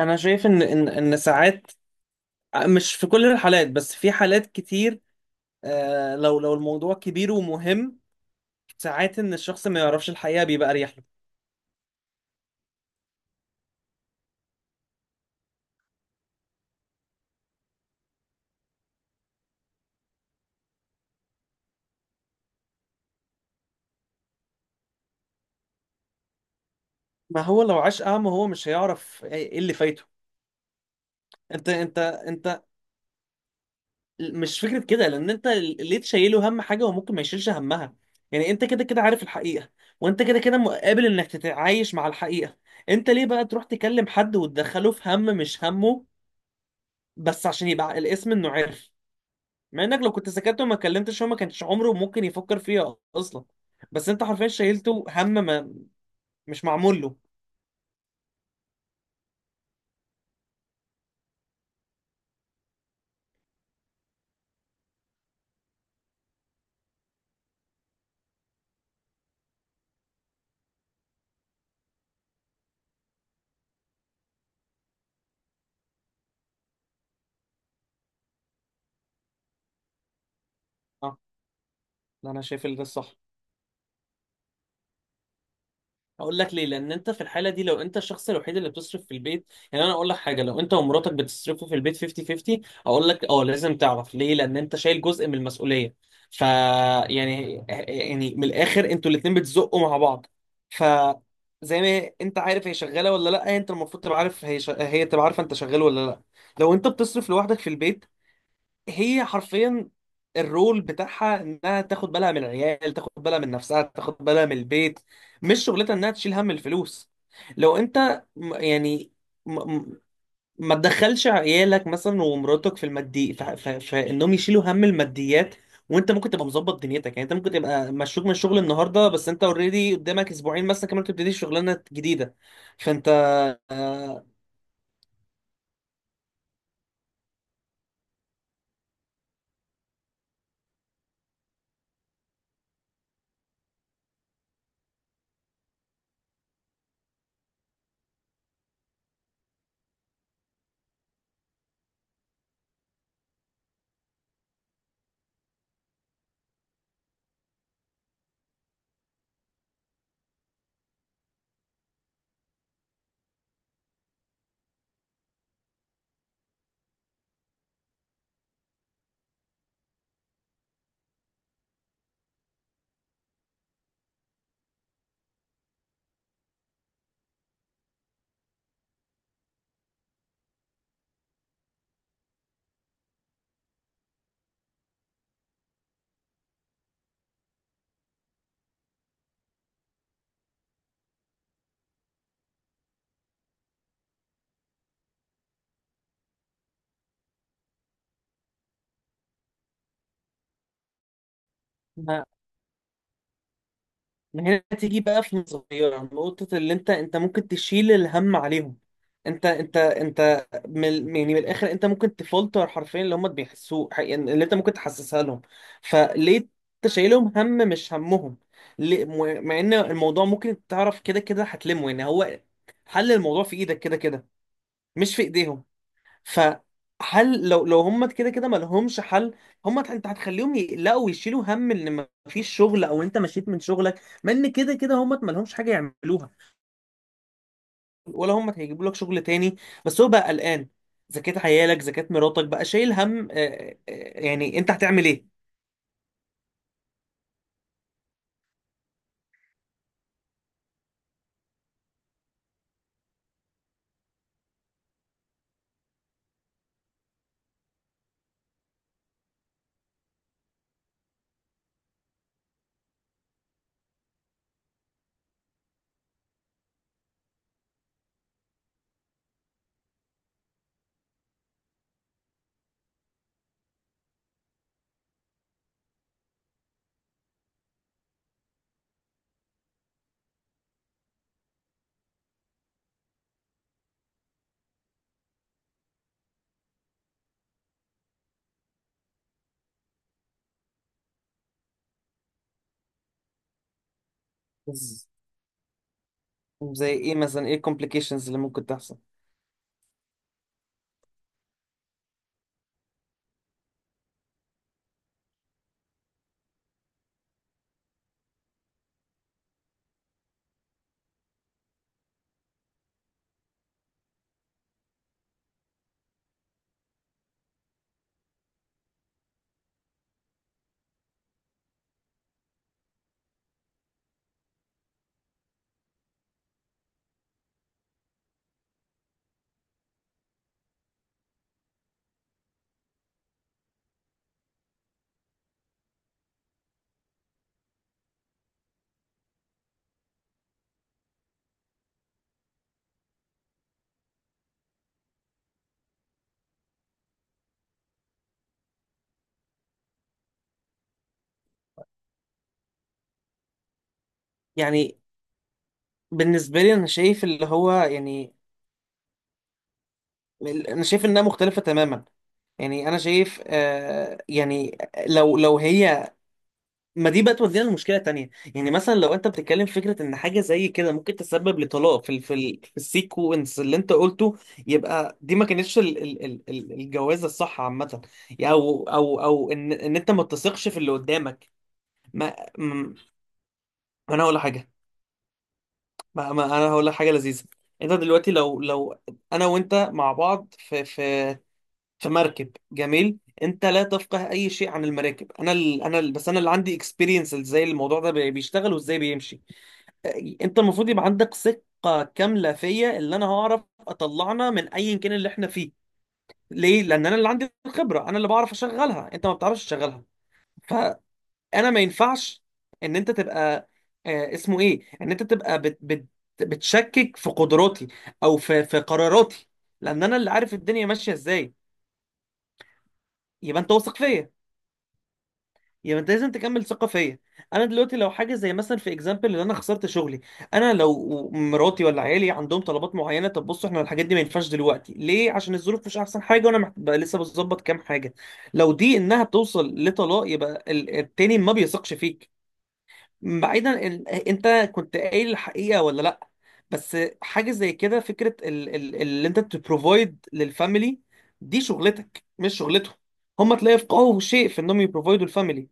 انا شايف ان ان ساعات، مش في كل الحالات، بس في حالات كتير. لو الموضوع كبير ومهم، ساعات ان الشخص ما يعرفش الحقيقة بيبقى اريح له. ما هو لو عاش اعمى هو مش هيعرف ايه اللي فايته. انت انت انت مش فكرة كده، لان انت ليه تشيله هم حاجة وممكن ما يشيلش همها؟ يعني انت كده كده عارف الحقيقة، وانت كده كده مقابل انك تتعايش مع الحقيقة. انت ليه بقى تروح تكلم حد وتدخله في هم مش همه؟ بس عشان يبقى الاسم انه عرف، مع انك لو كنت سكت وما كلمتش هو ما كانش عمره ممكن يفكر فيها اصلا. بس انت حرفيا شايلته هم ما مش معمول له. اه، لا، انا شايف ان ده الصح. هقول لك ليه. لان انت في الحاله دي لو انت الشخص الوحيد اللي بتصرف في البيت، يعني انا اقول لك حاجه، لو انت ومراتك بتصرفوا في البيت 50 50، اقول لك اه لازم تعرف، ليه؟ لان انت شايل جزء من المسؤوليه. ف يعني من الاخر انتوا الاتنين بتزقوا مع بعض. ف زي ما انت عارف هي شغاله ولا لا، انت المفروض تبقى عارف، هي تبقى عارفه انت شغال ولا لا. لو انت بتصرف لوحدك في البيت، هي حرفيا الرول بتاعها انها تاخد بالها من العيال، تاخد بالها من نفسها، تاخد بالها من البيت. مش شغلتها انها تشيل هم الفلوس. لو انت يعني م- م- ما تدخلش عيالك مثلا ومراتك في المادي فانهم يشيلوا هم الماديات. وانت ممكن تبقى مظبط دنيتك. يعني انت ممكن تبقى مشروك من الشغل النهارده، بس انت اوريدي قدامك اسبوعين مثلا كمان تبتدي شغلانه جديده. فانت، من هنا تيجي بقى في نظرية نقطة اللي انت ممكن تشيل الهم عليهم. انت من يعني من الاخر انت ممكن تفلتر حرفيا اللي هم بيحسوه، يعني اللي انت ممكن تحسسها لهم. فليه انت شايلهم هم مش همهم؟ مع ان الموضوع ممكن تعرف كده كده هتلمه، يعني هو حل الموضوع في ايدك كده كده، مش في ايديهم. فحل، لو هم كده كده ما لهمش حل. هم انت هتخليهم يقلقوا ويشيلوا هم ان ما فيش شغل او انت مشيت من شغلك، ما ان كده كده هم ما لهمش حاجه يعملوها ولا هم هيجيبوا لك شغل تاني. بس هو بقى قلقان، زكاة عيالك، زكاة مراتك، بقى شايل هم. يعني انت هتعمل ايه؟ بز- زي ايه مثلا؟ ايه الكومبليكيشنز اللي ممكن تحصل؟ يعني بالنسبه لي انا شايف اللي هو يعني، انا شايف انها مختلفه تماما. يعني انا شايف يعني، لو هي، ما دي بقى تودينا لمشكله تانية. يعني مثلا لو انت بتتكلم في فكره ان حاجه زي كده ممكن تسبب لطلاق في السيكونس اللي انت قلته، يبقى دي ما كانتش الجوازه الصح عامه. يعني او ان انت ما تثقش في اللي قدامك. ما م- انا هقول لك حاجه. ما انا هقول لك حاجه لذيذه. انت دلوقتي لو، انا وانت مع بعض في في مركب جميل، انت لا تفقه اي شيء عن المراكب، انا ال انا ال بس انا اللي عندي اكسبيرينس ازاي الموضوع ده بيشتغل وازاي بيمشي. انت المفروض يبقى عندك ثقة كاملة فيا اللي انا هعرف اطلعنا من ايا كان اللي احنا فيه. ليه؟ لان انا اللي عندي الخبرة، انا اللي بعرف اشغلها، انت ما بتعرفش تشغلها. فانا ما ينفعش ان انت تبقى، اسمه ايه؟ ان انت تبقى بت بت بتشكك في قدراتي، او في قراراتي، لان انا اللي عارف الدنيا ماشية ازاي. يبقى انت واثق فيا، يعني انت لازم تكمل ثقه فيا. انا دلوقتي لو حاجه زي مثلا في اكزامبل ان انا خسرت شغلي، انا لو مراتي ولا عيالي عندهم طلبات معينه، طب بصوا احنا الحاجات دي ما ينفعش دلوقتي. ليه؟ عشان الظروف مش احسن حاجه وانا بقى لسه بظبط كام حاجه. لو دي انها بتوصل لطلاق يبقى التاني ما بيثقش فيك، بعيدا انت كنت قايل الحقيقه ولا لا. بس حاجه زي كده، فكره اللي انت تبروفايد للفاميلي، دي شغلتك مش شغلتهم. هم تلاقي يفقهوا شيء في انهم يبروفايدوا الفاميلي؟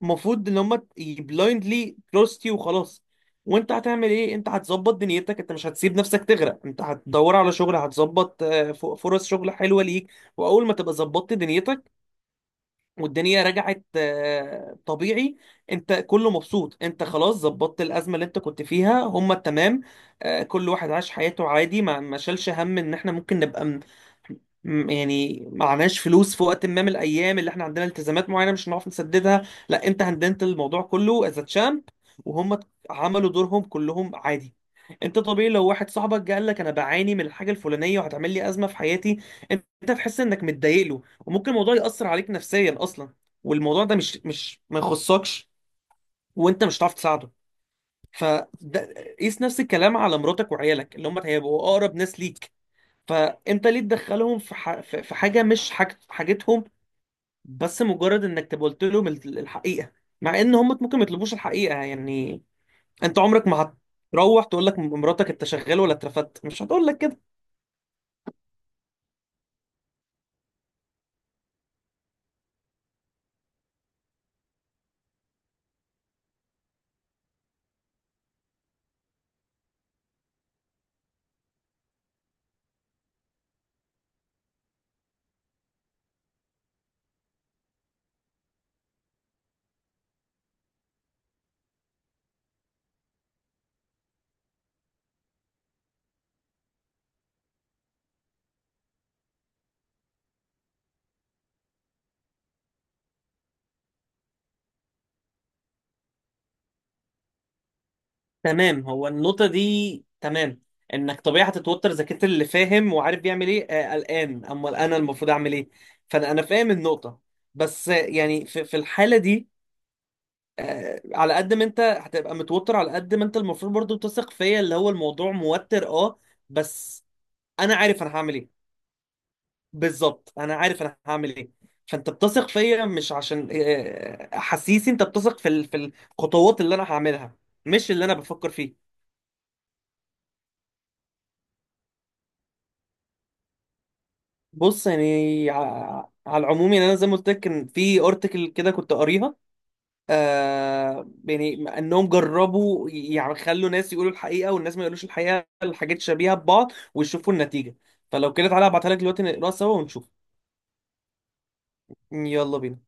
فمفروض ان هم بلايندلي تراست يو وخلاص. وانت هتعمل ايه؟ انت هتظبط دنيتك، انت مش هتسيب نفسك تغرق، انت هتدور على شغل، هتظبط فرص شغل حلوه ليك. واول ما تبقى ظبطت دنيتك والدنيا رجعت طبيعي، انت كله مبسوط، انت خلاص ظبطت الازمه اللي انت كنت فيها، هما تمام. كل واحد عاش حياته عادي، ما شالش هم ان احنا ممكن نبقى يعني معناش فلوس في وقت ما من الايام اللي احنا عندنا التزامات معينه مش هنعرف نسددها. لا، انت هندلت الموضوع كله از تشامب، وهم عملوا دورهم كلهم عادي. انت طبيعي لو واحد صاحبك جه قال لك انا بعاني من الحاجه الفلانيه وهتعمل لي ازمه في حياتي، انت تحس انك متضايق له، وممكن الموضوع يأثر عليك نفسيا اصلا، والموضوع ده مش ما يخصكش، وانت مش هتعرف تساعده. فده، قيس نفس الكلام على مراتك وعيالك اللي هم هيبقوا اقرب ناس ليك. فانت ليه تدخلهم في ح... في في حاجه مش حاجتهم؟ بس مجرد انك تبقى قلت لهم الحقيقه، مع ان هم ممكن ما يطلبوش الحقيقه. يعني انت عمرك ما هتروح تقول لك مراتك انت شغال ولا اترفدت. مش هتقول لك كده. تمام، هو النقطة دي تمام، انك طبيعي هتتوتر اذا كنت اللي فاهم وعارف بيعمل ايه، قلقان، امال انا المفروض اعمل ايه. فانا فاهم النقطة، بس يعني في الحالة دي، على قد ما انت هتبقى متوتر، على قد ما انت المفروض برضو تثق فيا. اللي هو الموضوع موتر، اه، بس انا عارف انا هعمل ايه. بالظبط انا عارف انا هعمل ايه. فانت بتثق فيا مش عشان احاسيسي، انت بتثق في الخطوات اللي انا هعملها، مش اللي انا بفكر فيه. بص يعني على العموم، يعني انا زي ما قلت لك كان في ارتكل كده كنت قاريها. يعني انهم جربوا، يعني خلوا ناس يقولوا الحقيقه والناس ما يقولوش الحقيقه، الحاجات شبيهه ببعض، ويشوفوا النتيجه. فلو كده تعالى ابعتها لك دلوقتي نقراها سوا ونشوف. يلا بينا.